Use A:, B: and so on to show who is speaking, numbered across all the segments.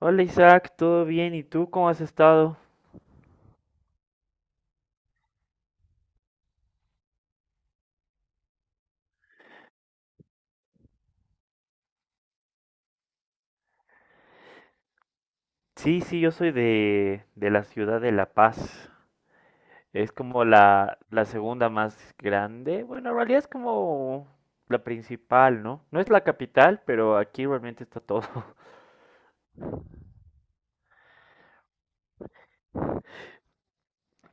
A: Hola Isaac, ¿todo bien? ¿Y tú cómo has estado? Sí, sí, yo soy de la ciudad de La Paz. Es como la segunda más grande. Bueno, en realidad es como la principal, ¿no? No es la capital, pero aquí realmente está todo.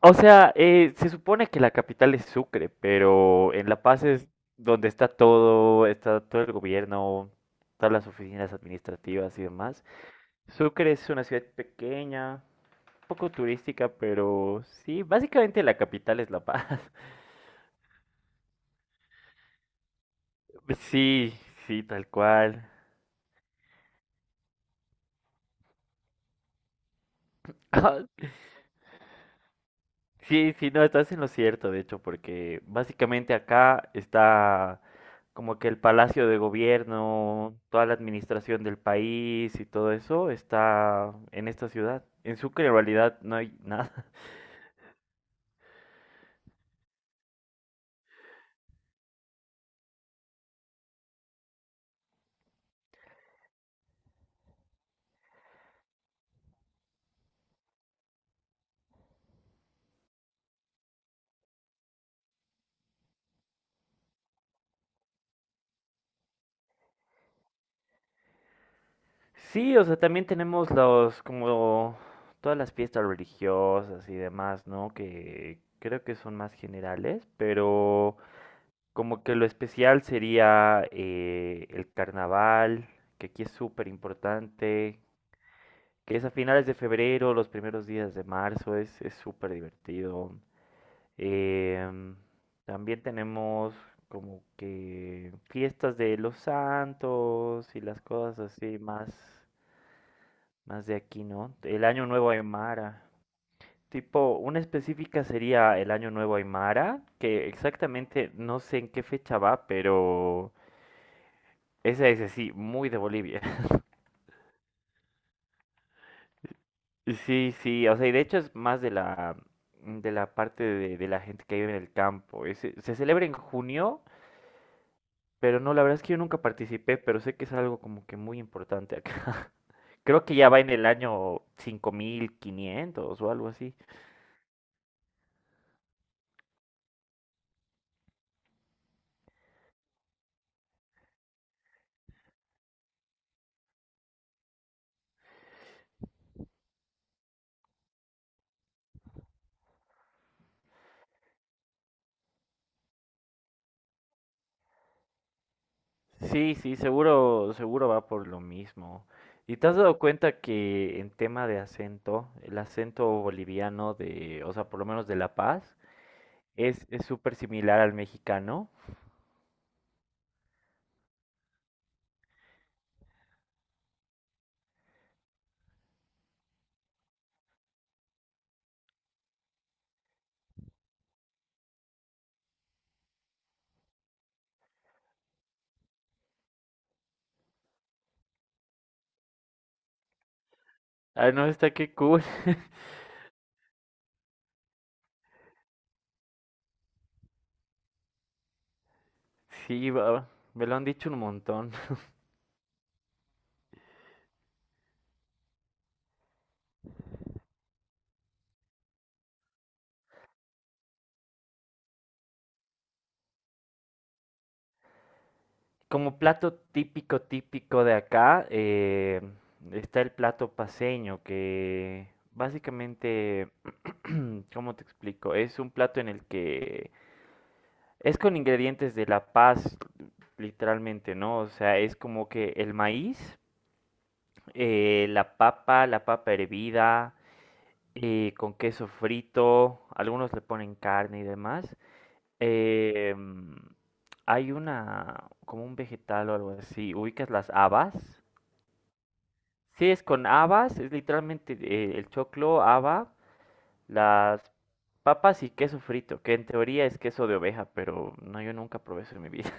A: O sea, se supone que la capital es Sucre, pero en La Paz es donde está todo el gobierno, todas las oficinas administrativas y demás. Sucre es una ciudad pequeña, poco turística, pero sí, básicamente la capital es La Paz. Sí, sí, tal cual. Ah, sí, sí, no, estás en lo cierto, de hecho, porque básicamente acá está como que el palacio de gobierno, toda la administración del país y todo eso está en esta ciudad. En Sucre en realidad no hay nada. Sí, o sea, también tenemos los, como todas las fiestas religiosas y demás, ¿no? Que creo que son más generales, pero como que lo especial sería el carnaval, que aquí es súper importante, que es a finales de febrero, los primeros días de marzo, es súper divertido. Em, También tenemos como que fiestas de los santos y las cosas así más de aquí, ¿no? El Año Nuevo Aymara. Tipo, una específica sería el Año Nuevo Aymara, que exactamente no sé en qué fecha va, pero esa es así, muy de Bolivia. Sí, sí, o sea, y de hecho es más de la parte de la gente que vive en el campo. Se celebra en junio, pero no, la verdad es que yo nunca participé, pero sé que es algo como que muy importante acá. Creo que ya va en el año 5.500 o algo así. Sí, sí, seguro, seguro va por lo mismo. ¿Y te has dado cuenta que en tema de acento, el acento boliviano de, o sea, por lo menos de La Paz, es súper similar al mexicano? Ah, no, está qué cool. Sí, va, me lo han dicho un montón. Como plato típico, típico de acá, está el plato paceño, que básicamente, ¿cómo te explico? Es un plato en el que es con ingredientes de La Paz, literalmente, ¿no? O sea, es como que el maíz, la papa hervida, con queso frito, algunos le ponen carne y demás. Eh, mm, Hay una, como un vegetal o algo así, ubicas las habas. Sí, es con habas, es literalmente el choclo, haba, las papas y queso frito, que en teoría es queso de oveja, pero no, yo nunca probé eso en mi vida.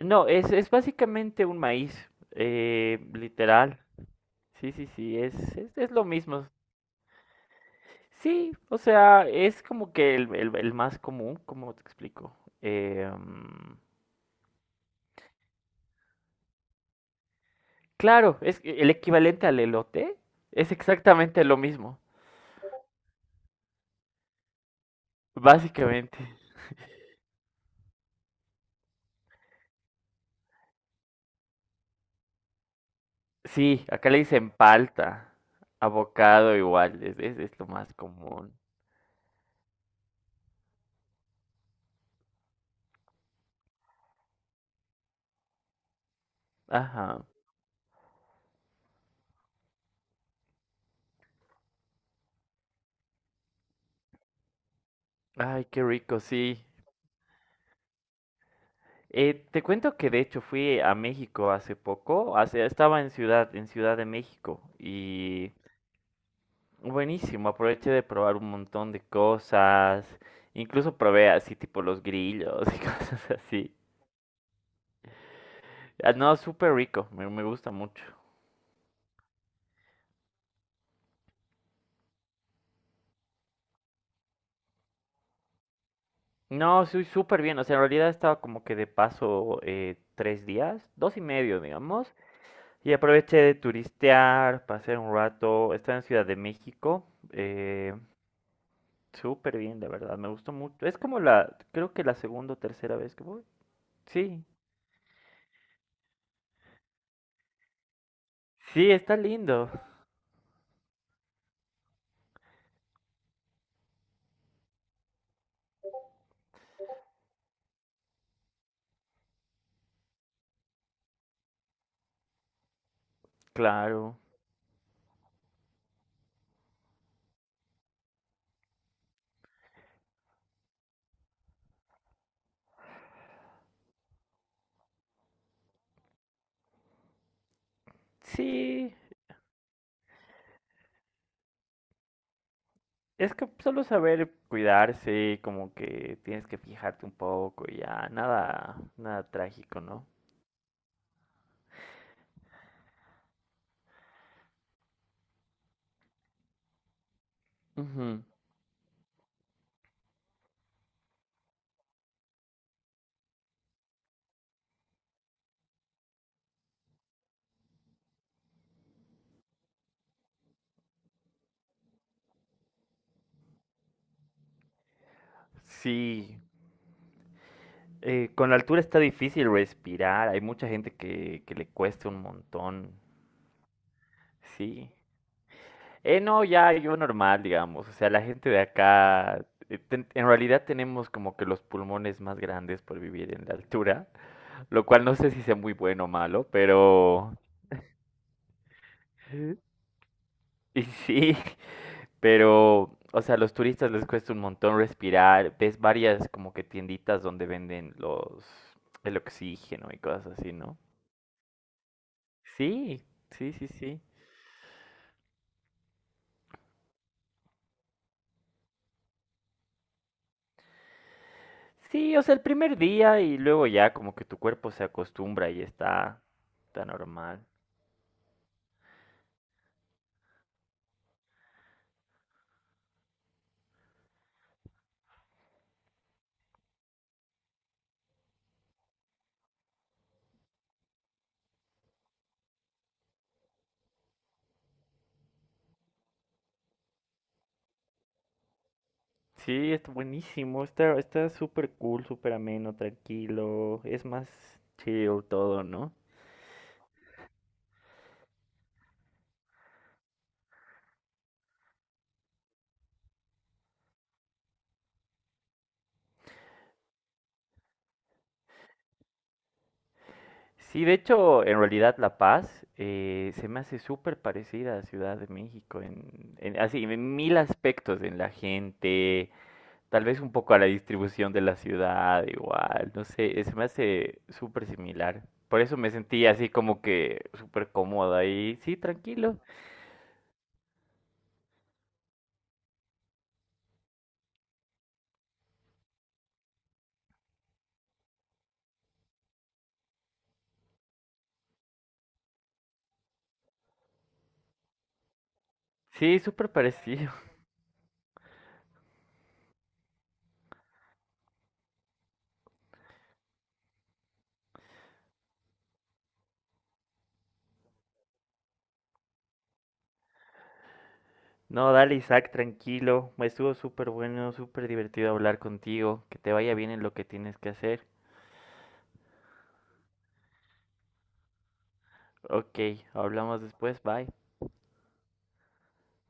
A: No, es básicamente un maíz, literal. Sí, sí, sí, es lo mismo. Sí, o sea, es como que el más común, ¿cómo te explico? Eh, mm, claro, es que el equivalente al elote es exactamente lo mismo, básicamente. Sí, acá le dicen palta, abocado igual, es lo más común. Ajá. Ay, qué rico, sí. Te cuento que de hecho fui a México hace poco, hace, estaba en Ciudad de México y buenísimo, aproveché de probar un montón de cosas, incluso probé así tipo los grillos y cosas así. Ah, no, súper rico, me gusta mucho. No, soy súper bien, o sea, en realidad estaba como que de paso 3 días, dos y medio, digamos, y aproveché de turistear, pasé un rato, estaba en Ciudad de México. eh, Súper bien, de verdad, me gustó mucho. Es como la, creo que la segunda o tercera vez que voy. Sí, sí, está lindo. Claro. Sí, es que solo saber cuidarse, como que tienes que fijarte un poco y ya, nada, nada trágico, ¿no? Ujú. Sí, con la altura está difícil respirar, hay mucha gente que le cuesta un montón. Sí. No, ya yo normal, digamos. O sea, la gente de acá, en realidad tenemos como que los pulmones más grandes por vivir en la altura, lo cual no sé si sea muy bueno o malo, pero. Y sí, pero, o sea, a los turistas les cuesta un montón respirar. Ves varias como que tienditas donde venden los, el oxígeno y cosas así, ¿no? Sí, sí, sí, sí. Sí, o sea, el primer día y luego ya como que tu cuerpo se acostumbra y está normal. Sí, está buenísimo, está súper cool, súper ameno, tranquilo, es más chill todo, ¿no? Sí, de hecho, en realidad La Paz se me hace súper parecida a Ciudad de México, en, así, en 1.000 aspectos, en la gente, tal vez un poco a la distribución de la ciudad, igual, no sé, se me hace súper similar. Por eso me sentí así como que súper cómoda y sí, tranquilo. Sí, súper parecido. No, dale Isaac, tranquilo. Estuvo súper bueno, súper divertido hablar contigo. Que te vaya bien en lo que tienes que hacer. Ok, hablamos después, bye.